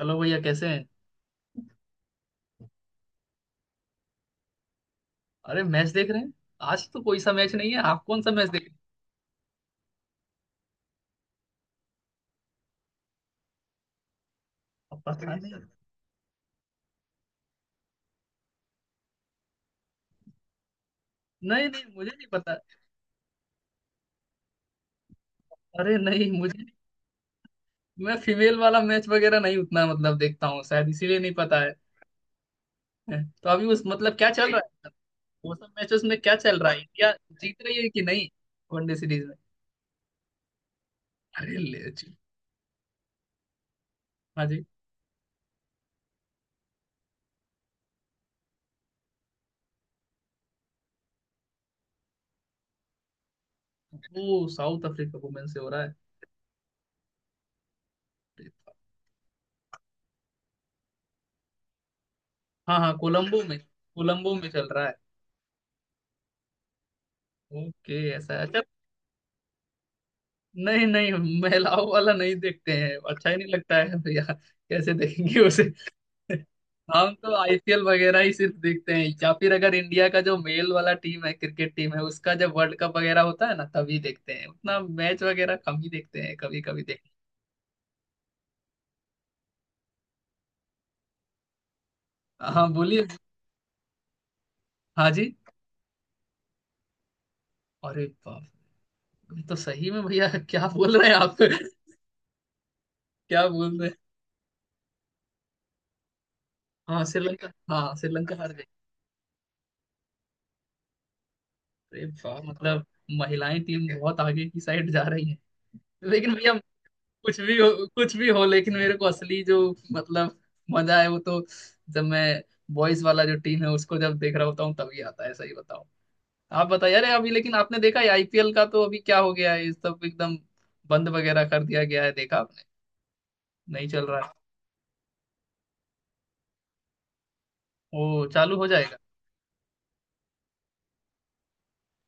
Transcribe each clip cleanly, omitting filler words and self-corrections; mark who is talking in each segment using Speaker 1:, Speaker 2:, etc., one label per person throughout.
Speaker 1: Hello भैया कैसे हैं। अरे मैच देख रहे हैं। आज तो कोई सा मैच नहीं है, आप कौन सा मैच देख रहे हैं। अब पता नहीं। नहीं नहीं, मुझे नहीं पता। अरे नहीं मुझे नहीं। मैं फीमेल वाला मैच वगैरह नहीं उतना मतलब देखता हूँ, शायद इसीलिए नहीं पता है। तो अभी उस मतलब क्या चल रहा है, मतलब वो सब मैचेस में क्या चल रहा है, इंडिया जीत रही है कि नहीं, वनडे सीरीज में। अरे ले जी। हाँ जी। वो साउथ अफ्रीका वुमेन से हो रहा है। हाँ हाँ, कोलंबो में, कोलंबो में चल रहा है। ओके ऐसा है। अच्छा। नहीं नहीं, महिलाओं वाला नहीं देखते हैं, अच्छा ही नहीं लगता है भैया, कैसे देखेंगे उसे। हम तो आईपीएल वगैरह ही सिर्फ देखते हैं, या फिर अगर इंडिया का जो मेल वाला टीम है, क्रिकेट टीम है, उसका जब वर्ल्ड कप वगैरह होता है ना तभी देखते हैं, उतना मैच वगैरह कम ही देखते हैं, कभी कभी देख। हाँ बोलिए। हाँ जी। अरे बाप रे, तो सही में भैया क्या बोल रहे हैं आप क्या बोल रहे हैं। हाँ श्रीलंका, हाँ श्रीलंका हार गई। अरे वाह मतलब महिलाएं टीम बहुत आगे की साइड जा रही है। लेकिन भैया कुछ भी हो, कुछ भी हो, लेकिन मेरे को असली जो मतलब मजा है वो तो जब मैं बॉयज वाला जो टीम है उसको जब देख रहा होता हूँ तभी आता है, सही बताओ। आप बताइए, अरे अभी लेकिन आपने देखा है आईपीएल का तो अभी क्या हो गया है, ये सब एकदम बंद वगैरह कर दिया गया है, देखा आपने, नहीं चल रहा है। ओ चालू हो जाएगा।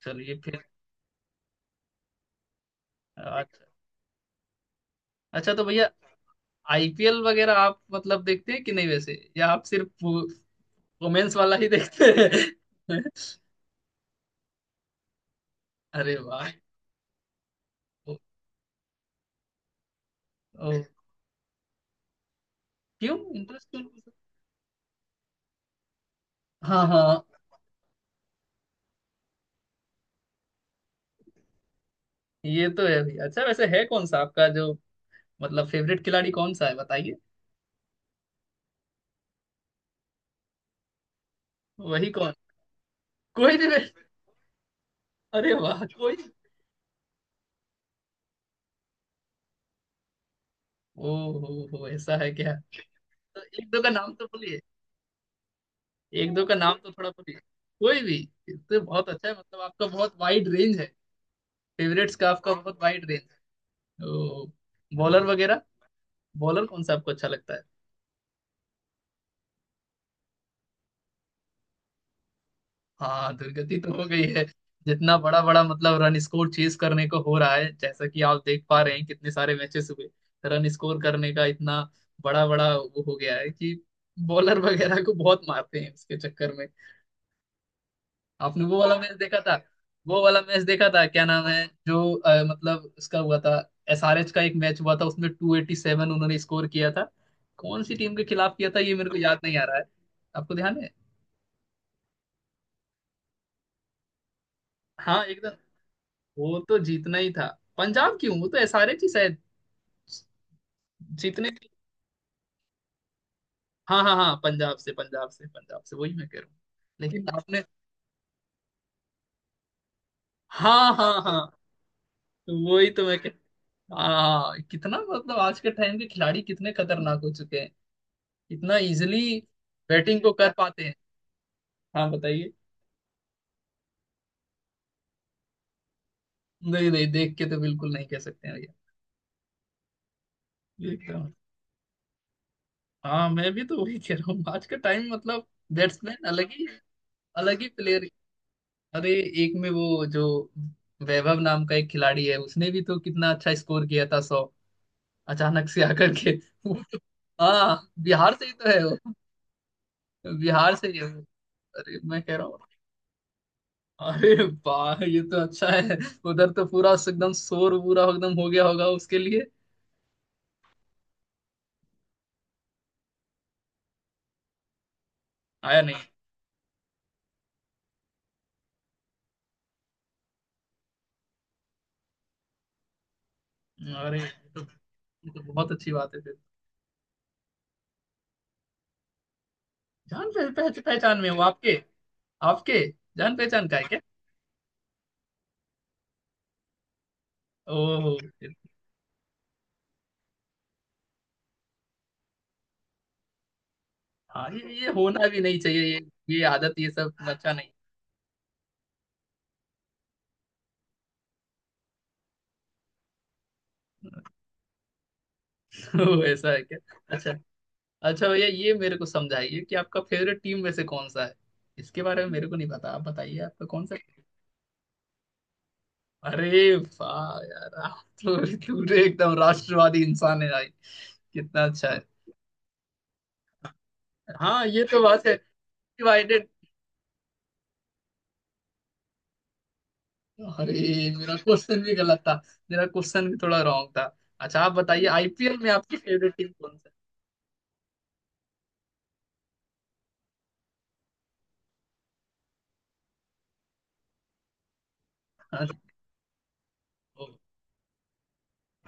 Speaker 1: चलिए फिर। अच्छा अच्छा, तो भैया आईपीएल वगैरह आप मतलब देखते हैं कि नहीं वैसे, या आप सिर्फ वुमेन्स वाला ही देखते हैं अरे वाह। ओ, ओ, क्यों इंटरेस्ट। हाँ हाँ। ये तो है भाई, अच्छा वैसे है कौन सा आपका जो मतलब फेवरेट खिलाड़ी कौन सा है बताइए। वही कौन। कोई नहीं रे-। अरे वाह, कोई। ओ हो ऐसा है क्या। तो एक दो का नाम तो बोलिए। एक दो का नाम तो थोड़ा बोलिए। कोई भी। ये तो बहुत अच्छा है, मतलब आपका बहुत वाइड रेंज है। फेवरेट्स का आपका बहुत वाइड रेंज है। ओ। बॉलर वगैरह, बॉलर कौन सा आपको अच्छा लगता है। हाँ दुर्गति तो हो गई है। जितना बड़ा बड़ा मतलब रन स्कोर चेज करने को हो रहा है, जैसा कि आप देख पा रहे हैं कितने सारे मैचेस हुए, रन स्कोर करने का इतना बड़ा बड़ा वो हो गया है कि बॉलर वगैरह को बहुत मारते हैं उसके चक्कर में। आपने वो वाला मैच देखा था, वो वाला मैच देखा था, क्या नाम है जो मतलब उसका हुआ था। एसआरएच का एक मैच हुआ था उसमें टू एटी सेवन उन्होंने स्कोर किया था। कौन सी टीम के खिलाफ किया था ये मेरे को याद नहीं आ रहा है, आपको ध्यान है। हाँ एकदम, वो तो जीतना ही था। पंजाब क्यों, वो तो एसआरएच ही शायद जीतने। हाँ हाँ हाँ, पंजाब से, पंजाब से, पंजाब से, वही मैं कह रहा हूँ। लेकिन आपने, हाँ हाँ हाँ, तो वही तो मैं कह। हाँ कितना मतलब आज के टाइम के खिलाड़ी कितने खतरनाक हो चुके हैं, इतना इजिली बैटिंग को कर पाते हैं। हाँ बताइए। नहीं नहीं, देख के तो बिल्कुल नहीं कह सकते हैं भैया। एकदम। हाँ मैं भी तो वही कह रहा हूँ, आज का टाइम मतलब बैट्समैन अलग ही, अलग ही प्लेयर। अरे एक में वो जो वैभव नाम का एक खिलाड़ी है उसने भी तो कितना अच्छा स्कोर किया था सौ, अचानक से आकर के। वो तो-। हाँ बिहार से ही तो है वो, बिहार से ही है वो। अरे मैं कह रहा हूँ, अरे वाह ये तो अच्छा है। उधर तो पूरा एकदम शोर पूरा एकदम हो गया होगा उसके लिए। आया नहीं। अरे ये तो बहुत अच्छी बात है फिर। जान पह, पह, पहचान में हो आपके। आपके जान पहचान का है क्या। ओहो। हाँ ये होना भी नहीं चाहिए ये आदत ये सब अच्छा नहीं। तो ऐसा है क्या। अच्छा। अच्छा भैया ये मेरे को समझाइए कि आपका फेवरेट टीम में से कौन सा है, इसके बारे में मेरे को नहीं पता, आप बताइए आपका कौन सा। अरे वाह यार, आप तो पूरे एकदम राष्ट्रवादी इंसान है भाई, कितना अच्छा है। हाँ ये तो बात है। डिवाइडेड। अरे मेरा क्वेश्चन भी गलत था, मेरा क्वेश्चन भी थोड़ा रॉन्ग था। अच्छा आप बताइए आईपीएल में आपकी फेवरेट टीम कौन सा है। हाँ, तो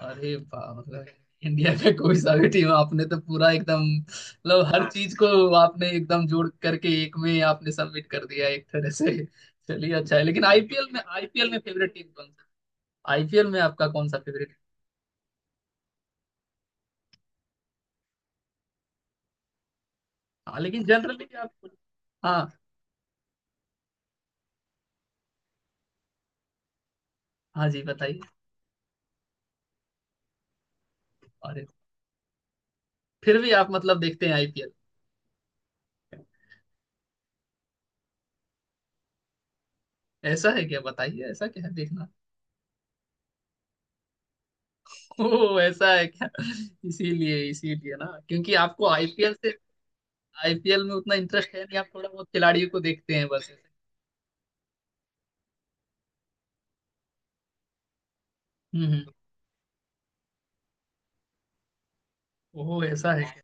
Speaker 1: अरे वाह मतलब इंडिया का कोई सा भी टीम, आपने तो पूरा एकदम मतलब हर चीज को आपने एकदम जोड़ करके एक में आपने सबमिट कर दिया एक तरह से। चलिए अच्छा है, लेकिन आईपीएल में, आईपीएल में फेवरेट टीम कौन सा, आईपीएल में आपका कौन सा फेवरेट। हाँ लेकिन जनरली आप। हाँ हाँ जी बताइए। अरे फिर भी आप मतलब देखते हैं आईपीएल। ऐसा है क्या, बताइए ऐसा क्या है देखना। ओ ऐसा है क्या, इसीलिए इसीलिए ना, क्योंकि आपको आईपीएल से, आईपीएल में उतना इंटरेस्ट है नहीं, आप थोड़ा बहुत खिलाड़ियों को देखते हैं बस। हम्म। वो ऐसा है क्या?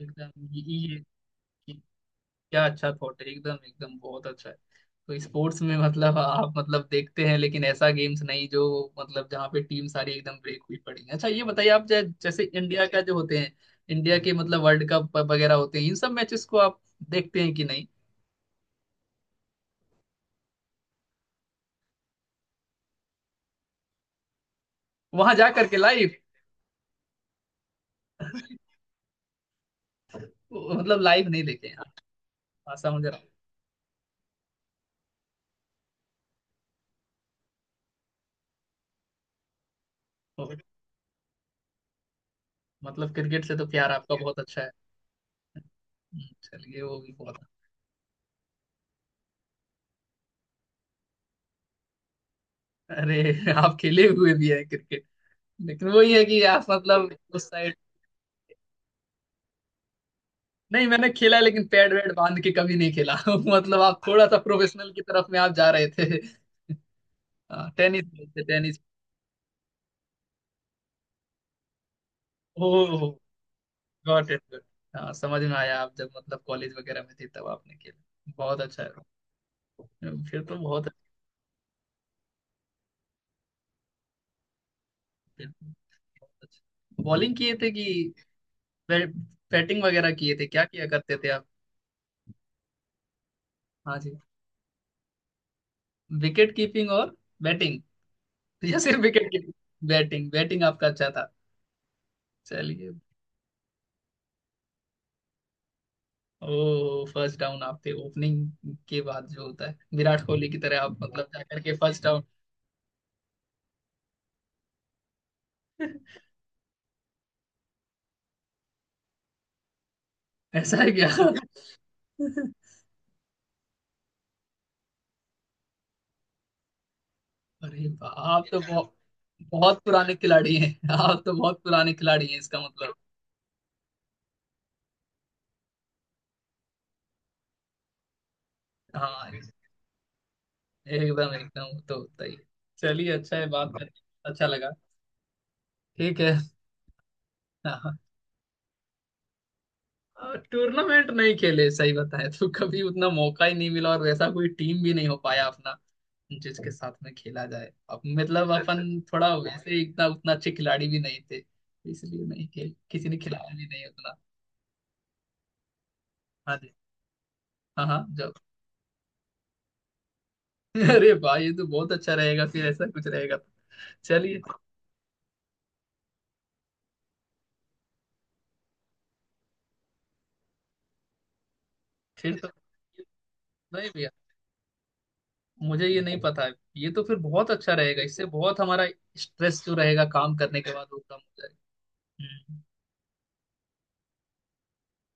Speaker 1: एकदम, ये- क्या अच्छा थॉट है, एकदम एकदम बहुत अच्छा है। तो स्पोर्ट्स में मतलब आप मतलब देखते हैं, लेकिन ऐसा गेम्स नहीं जो मतलब जहाँ पे टीम सारी एकदम ब्रेक हुई पड़ी है, अच्छा ये बताइए आप जैसे इंडिया का जो होते हैं इंडिया के मतलब वर्ल्ड कप वगैरह होते हैं, इन सब मैचेस को आप देखते हैं कि नहीं, वहां जा करके लाइव। मतलब लाइव नहीं देखे हैं आप, ऐसा मुझे लगा। मतलब क्रिकेट से तो प्यार आपका बहुत अच्छा है। चलिए वो भी बहुत अच्छा। अरे आप खेले हुए भी हैं, लेकिन वही है कि आप मतलब उस साइड नहीं। मैंने खेला, लेकिन पैड वैड बांध के कभी नहीं खेला मतलब आप थोड़ा सा प्रोफेशनल की तरफ में आप जा रहे थे। हाँ टेनिस खेलते, tennis. Oh got it got, हाँ समझ में आया, आप जब मतलब कॉलेज वगैरह में थे तब आपने खेला, बहुत अच्छा है, फिर तो बहुत अच्छा खेलते हैं। बहुत अच्छा बॉलिंग किए थे कि बै- बैटिंग वगैरह किए थे, क्या किया करते थे आप। हाँ जी। विकेट कीपिंग और बैटिंग, या सिर्फ विकेट कीपिंग, बैटिंग बैटिंग आपका अच्छा था। चलिए। ओ फर्स्ट डाउन, आपके ओपनिंग के बाद जो होता है विराट कोहली की तरह आप मतलब जाकर के फर्स्ट डाउन। ऐसा है क्या। अरे वाह, आप तो बहुत बहुत पुराने खिलाड़ी हैं आप तो बहुत पुराने खिलाड़ी हैं इसका मतलब। हाँ एकदम एकदम वो तो होता ही है। चलिए अच्छा है, बात करके अच्छा लगा, ठीक है। हाँ, टूर्नामेंट नहीं खेले, सही बताएं तो कभी उतना मौका ही नहीं मिला और वैसा कोई टीम भी नहीं हो पाया अपना जिसके साथ में खेला जाए, अब मतलब अपन थोड़ा वैसे इतना उतना अच्छे खिलाड़ी भी नहीं थे, इसलिए नहीं खेल किसी ने खिलाया भी नहीं उतना। हाँ जी, हाँ हाँ जो। अरे भाई ये तो बहुत अच्छा रहेगा फिर, ऐसा कुछ रहेगा तो। चलिए फिर तो। नहीं भैया मुझे ये नहीं पता है, ये तो फिर बहुत अच्छा रहेगा, इससे बहुत हमारा स्ट्रेस जो रहेगा काम करने के बाद वो कम हो जाएगा। हम्म,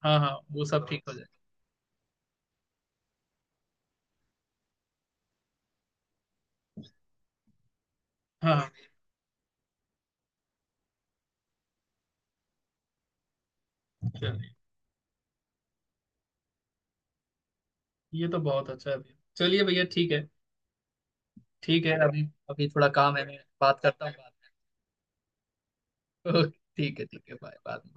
Speaker 1: हाँ हाँ वो सब ठीक हो जाएगा। हाँ हाँ, चलिए ये तो बहुत अच्छा है भैया, चलिए भैया ठीक है, ठीक है अभी, अभी थोड़ा काम है मैं बात करता हूँ बाद में। ओके ठीक है बाय, बाद में।